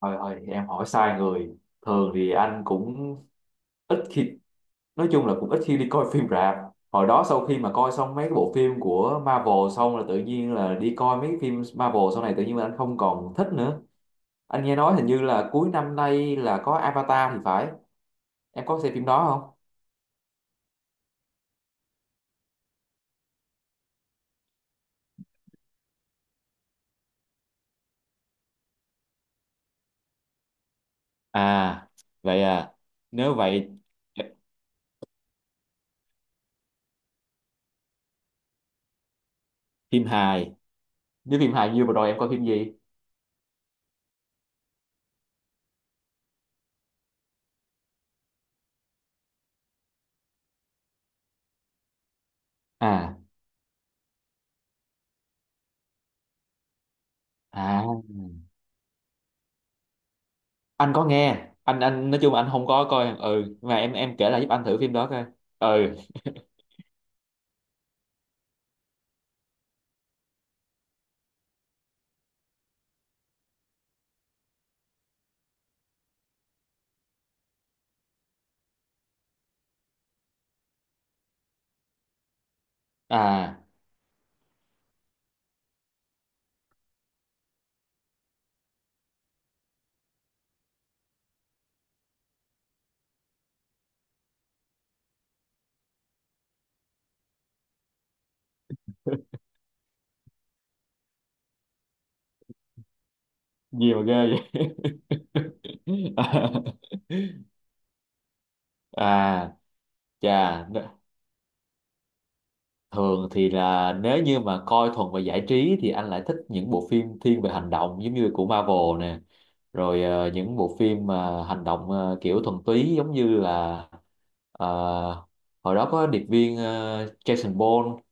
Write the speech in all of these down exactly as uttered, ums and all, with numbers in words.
Thôi thôi, em hỏi sai người. Thường thì anh cũng ít khi, nói chung là cũng ít khi đi coi phim rạp. Hồi đó sau khi mà coi xong mấy cái bộ phim của Marvel xong là tự nhiên là đi coi mấy cái phim Marvel sau này tự nhiên là anh không còn thích nữa. Anh nghe nói hình như là cuối năm nay là có Avatar thì phải. Em có xem phim đó không? À, vậy à, nếu vậy phim hài. Nếu phim hài, như vừa rồi em coi phim gì? À, à, anh có nghe. Anh anh nói chung anh không có coi. Ừ, mà em em kể lại giúp anh thử phim đó coi. Ừ. À. Gì mà ghê vậy? À, chà, thường thì là nếu như mà coi thuần về giải trí thì anh lại thích những bộ phim thiên về hành động giống như của Marvel nè. Rồi ờ, những bộ phim mà hành động, ờ, kiểu thuần túy giống như là, ờ, hồi đó có điệp viên, ờ, Jason Bourne.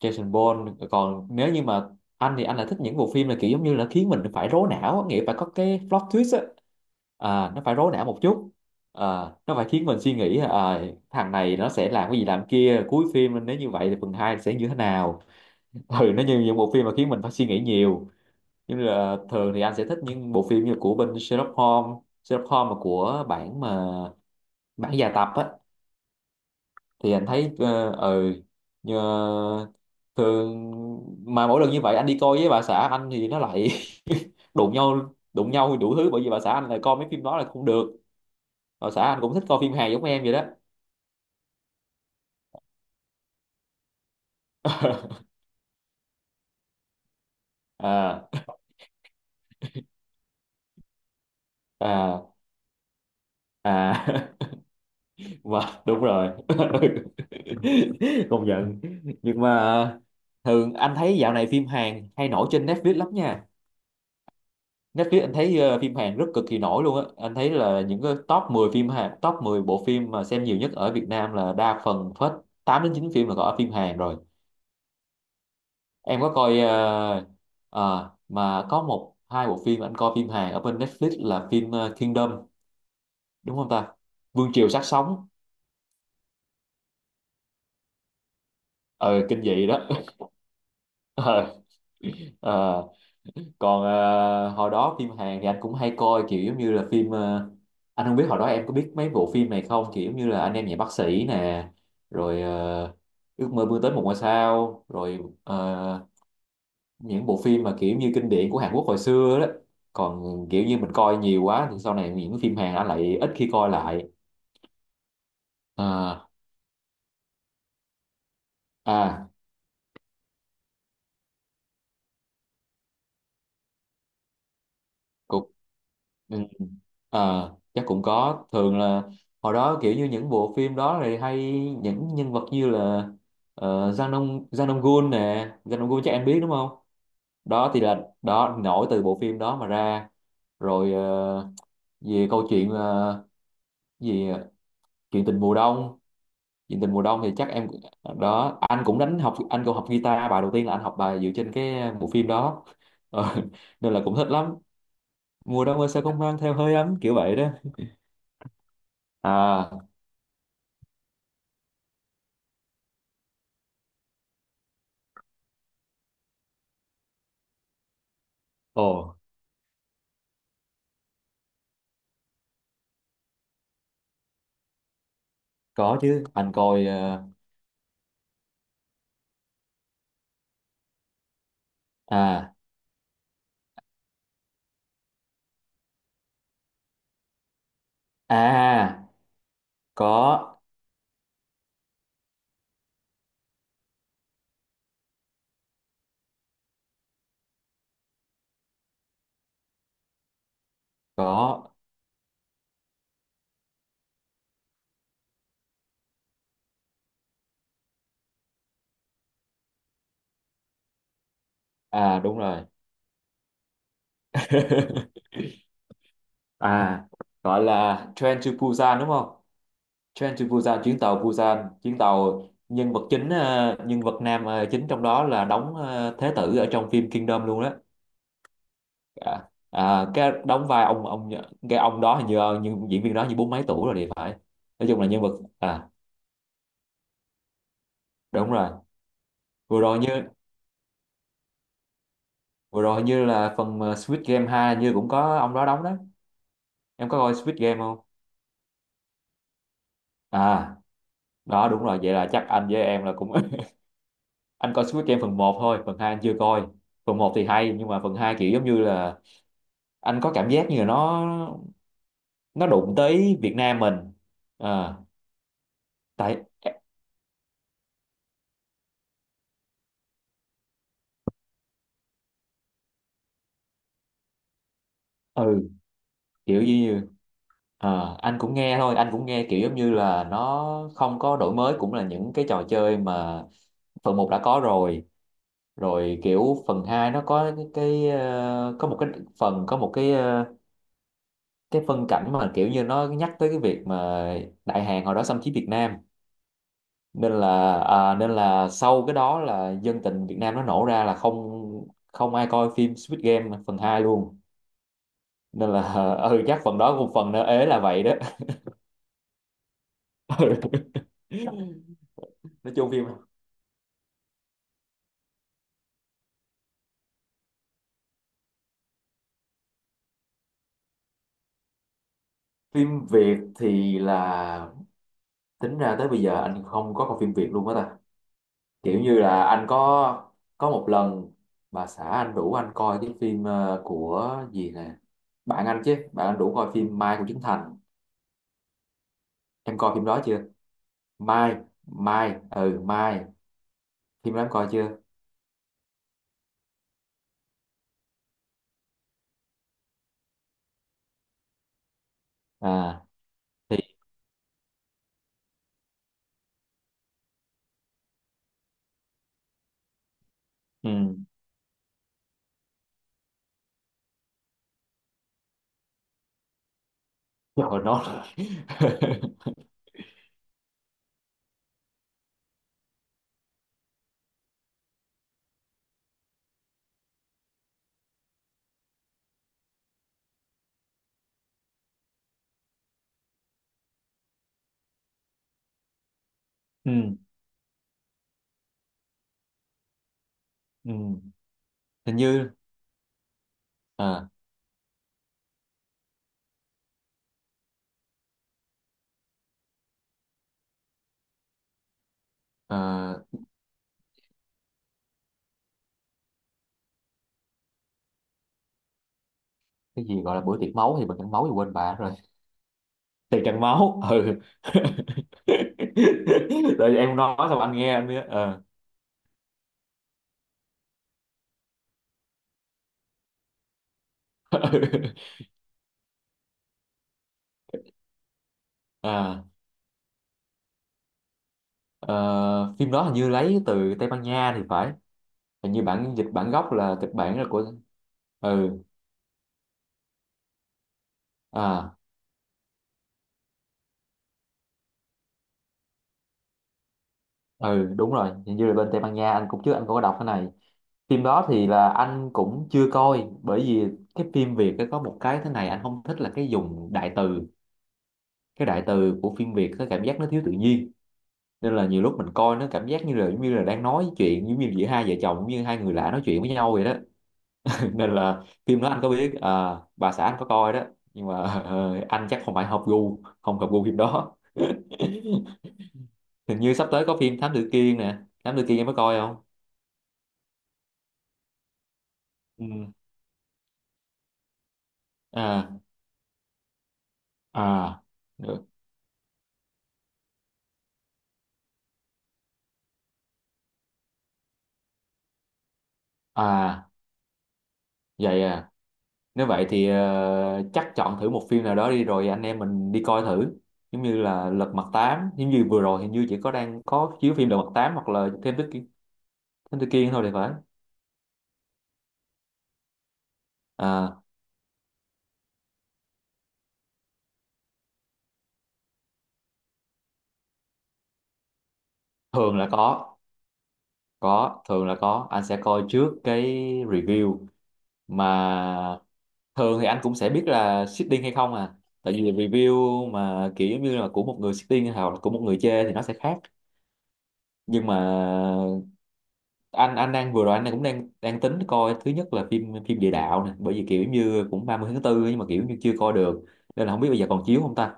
Jason Bourne, còn nếu như mà anh thì anh lại thích những bộ phim là kiểu giống như là khiến mình phải rối não á, nghĩa phải có cái plot twist á. À, nó phải rối não một chút. À, nó phải khiến mình suy nghĩ. À, thằng này nó sẽ làm cái gì làm kia, cuối phim nếu như vậy thì phần hai sẽ như thế nào. Ừ, nó như những bộ phim mà khiến mình phải suy nghĩ nhiều. Nhưng là thường thì anh sẽ thích những bộ phim như của bên Sherlock Holmes. Sherlock Holmes mà của bản mà bản dài tập á, thì anh thấy ờ, ừ. Như, thường mà mỗi lần như vậy anh đi coi với bà xã anh thì nó lại đụng nhau đụng nhau đủ thứ, bởi vì bà xã anh lại coi mấy phim đó là không được. Bà xã anh cũng thích coi phim hài giống em vậy đó. À, à, à. Mà đúng rồi. Công nhận. Nhưng mà thường anh thấy dạo này phim Hàn hay nổi trên Netflix lắm nha. Netflix anh thấy ờ, phim Hàn rất cực kỳ nổi luôn á. Anh thấy là những cái top mười phim Hàn, top mười bộ phim mà xem nhiều nhất ở Việt Nam là đa phần hết tám đến chín phim là có phim Hàn rồi. Em có coi, ờ, ờ, mà có một hai bộ phim anh coi phim Hàn ở bên Netflix là phim ờ, Kingdom, đúng không ta? Vương triều xác sống. ờ Kinh dị đó. Ờ. Còn ờ, hồi đó phim Hàn thì anh cũng hay coi kiểu giống như là phim, ờ, anh không biết hồi đó em có biết mấy bộ phim này không, kiểu giống như là anh em nhà bác sĩ nè. Rồi ờ, ước mơ vươn tới một ngôi sao. Rồi ờ, những bộ phim mà kiểu như kinh điển của Hàn Quốc hồi xưa đó. Còn kiểu như mình coi nhiều quá thì sau này những phim Hàn anh lại ít khi coi lại. À, à. Ừ. Ờ, chắc cũng có. Thường là hồi đó kiểu như những bộ phim đó thì hay những nhân vật như là ờ, Jang Dong Jang Dong Gun nè. Jang Dong Gun chắc em biết đúng không? Đó thì là đó nổi từ bộ phim đó mà ra. Rồi ờ, về câu chuyện ờ, gì, chuyện tình mùa đông. Chuyện tình mùa đông thì chắc em, đó, anh cũng đánh học, anh cũng học guitar bài đầu tiên là anh học bài dựa trên cái bộ phim đó. Ờ, nên là cũng thích lắm. Mùa đông ơi sao không mang theo hơi ấm, kiểu vậy đó. À, ồ có chứ, anh coi ờ, à, à, à, có có à đúng rồi. À, gọi là Train to Busan đúng không? Train to Busan, chuyến tàu Busan, chuyến tàu. Nhân vật chính, ờ, nhân vật nam ờ, chính trong đó là đóng ờ, Thế tử ở trong phim Kingdom luôn đó. À, à, cái đóng vai ông ông cái ông đó hình như ờ, như diễn viên đó như bốn mấy tuổi rồi thì phải. Nói chung là nhân vật. À đúng rồi, vừa rồi như vừa rồi như là phần ờ, Squid Game hai như cũng có ông đó đóng đó. Em có coi Squid Game không? À, đó đúng rồi, vậy là chắc anh với em là cũng. Anh coi Squid Game phần một thôi, phần hai anh chưa coi. Phần một thì hay nhưng mà phần hai kiểu giống như là anh có cảm giác như là nó nó đụng tới Việt Nam mình. À, tại. Ừ, kiểu như như- à, anh cũng nghe thôi, anh cũng nghe kiểu giống như là nó không có đổi mới, cũng là những cái trò chơi mà phần một đã có rồi. Rồi kiểu phần hai nó có cái, cái ờ, có một cái phần, có một cái ờ, cái phân cảnh mà kiểu như nó nhắc tới cái việc mà Đại Hàn hồi đó xâm chiếm Việt Nam. Nên là, à, nên là sau cái đó là dân tình Việt Nam nó nổ ra là không không ai coi phim Squid Game phần hai luôn. Nên là. Ừ chắc phần đó cũng, phần nó ế là vậy đó. Ừ, nói chung phim phim Việt thì là tính ra tới bây giờ anh không có coi phim Việt luôn á ta. Kiểu như là anh có có một lần bà xã anh rủ anh coi cái phim ờ, của gì nè, bạn anh chứ, bạn anh rủ coi phim Mai của Trấn Thành. Em coi phim đó chưa? Mai, Mai, ừ Mai, phim đó em coi chưa? À thì, ừ, rồi nó. Ừ, ừ. Hình như, à, à, cái gì gọi là bữa tiệc máu, thì bữa tiệc máu thì quên bà rồi. Tiệc trăng máu, ừ. Rồi em nói xong anh nghe anh biết. Ờ. À, ờ, phim đó hình như lấy từ Tây Ban Nha thì phải. Hình như bản dịch bản gốc là kịch bản là của. Ừ, à, ừ đúng rồi, hình như là bên Tây Ban Nha anh cũng, trước anh cũng có đọc cái này. Phim đó thì là anh cũng chưa coi bởi vì cái phim Việt nó có một cái thế này anh không thích là cái dùng đại từ. Cái đại từ của phim Việt nó cảm giác nó thiếu tự nhiên. Nên là nhiều lúc mình coi nó cảm giác như là giống như là đang nói chuyện giống như giữa hai vợ chồng, giống như hai người lạ nói chuyện với nhau vậy đó. Nên là phim đó anh có biết, à, bà xã anh có coi đó. Nhưng mà ờ, anh chắc không phải hợp gu, không hợp gu phim đó. Hình như sắp tới có phim Thám Tử Kiên nè. Thám Tử Kiên em có coi không? Ừ. À, à được, à vậy à, nếu vậy thì ờ, chắc chọn thử một phim nào đó đi rồi anh em mình đi coi thử. Giống như là Lật Mặt Tám, giống như vừa rồi hình như chỉ có đang có chiếu phim Lật Mặt Tám hoặc là Thám Tử Kiên, Thám Tử Kiên thôi thì phải. À, thường là có có thường là có, anh sẽ coi trước cái review, mà thường thì anh cũng sẽ biết là seeding hay không à. Tại vì review mà kiểu giống như là của một người seeding hoặc là của một người chê thì nó sẽ khác. Nhưng mà anh anh đang vừa rồi anh cũng đang đang tính coi thứ nhất là phim phim địa đạo nè, bởi vì kiểu như cũng ba mươi tháng tư nhưng mà kiểu như chưa coi được. Nên là không biết bây giờ còn chiếu không ta.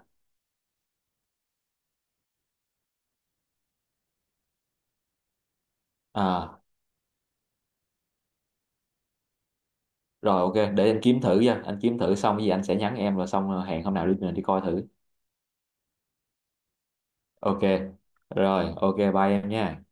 À, rồi ok để anh kiếm thử nha, anh kiếm thử xong cái gì anh sẽ nhắn em rồi xong ờ, hẹn hôm nào đi mình đi coi thử. Ok rồi, ok bye em nha.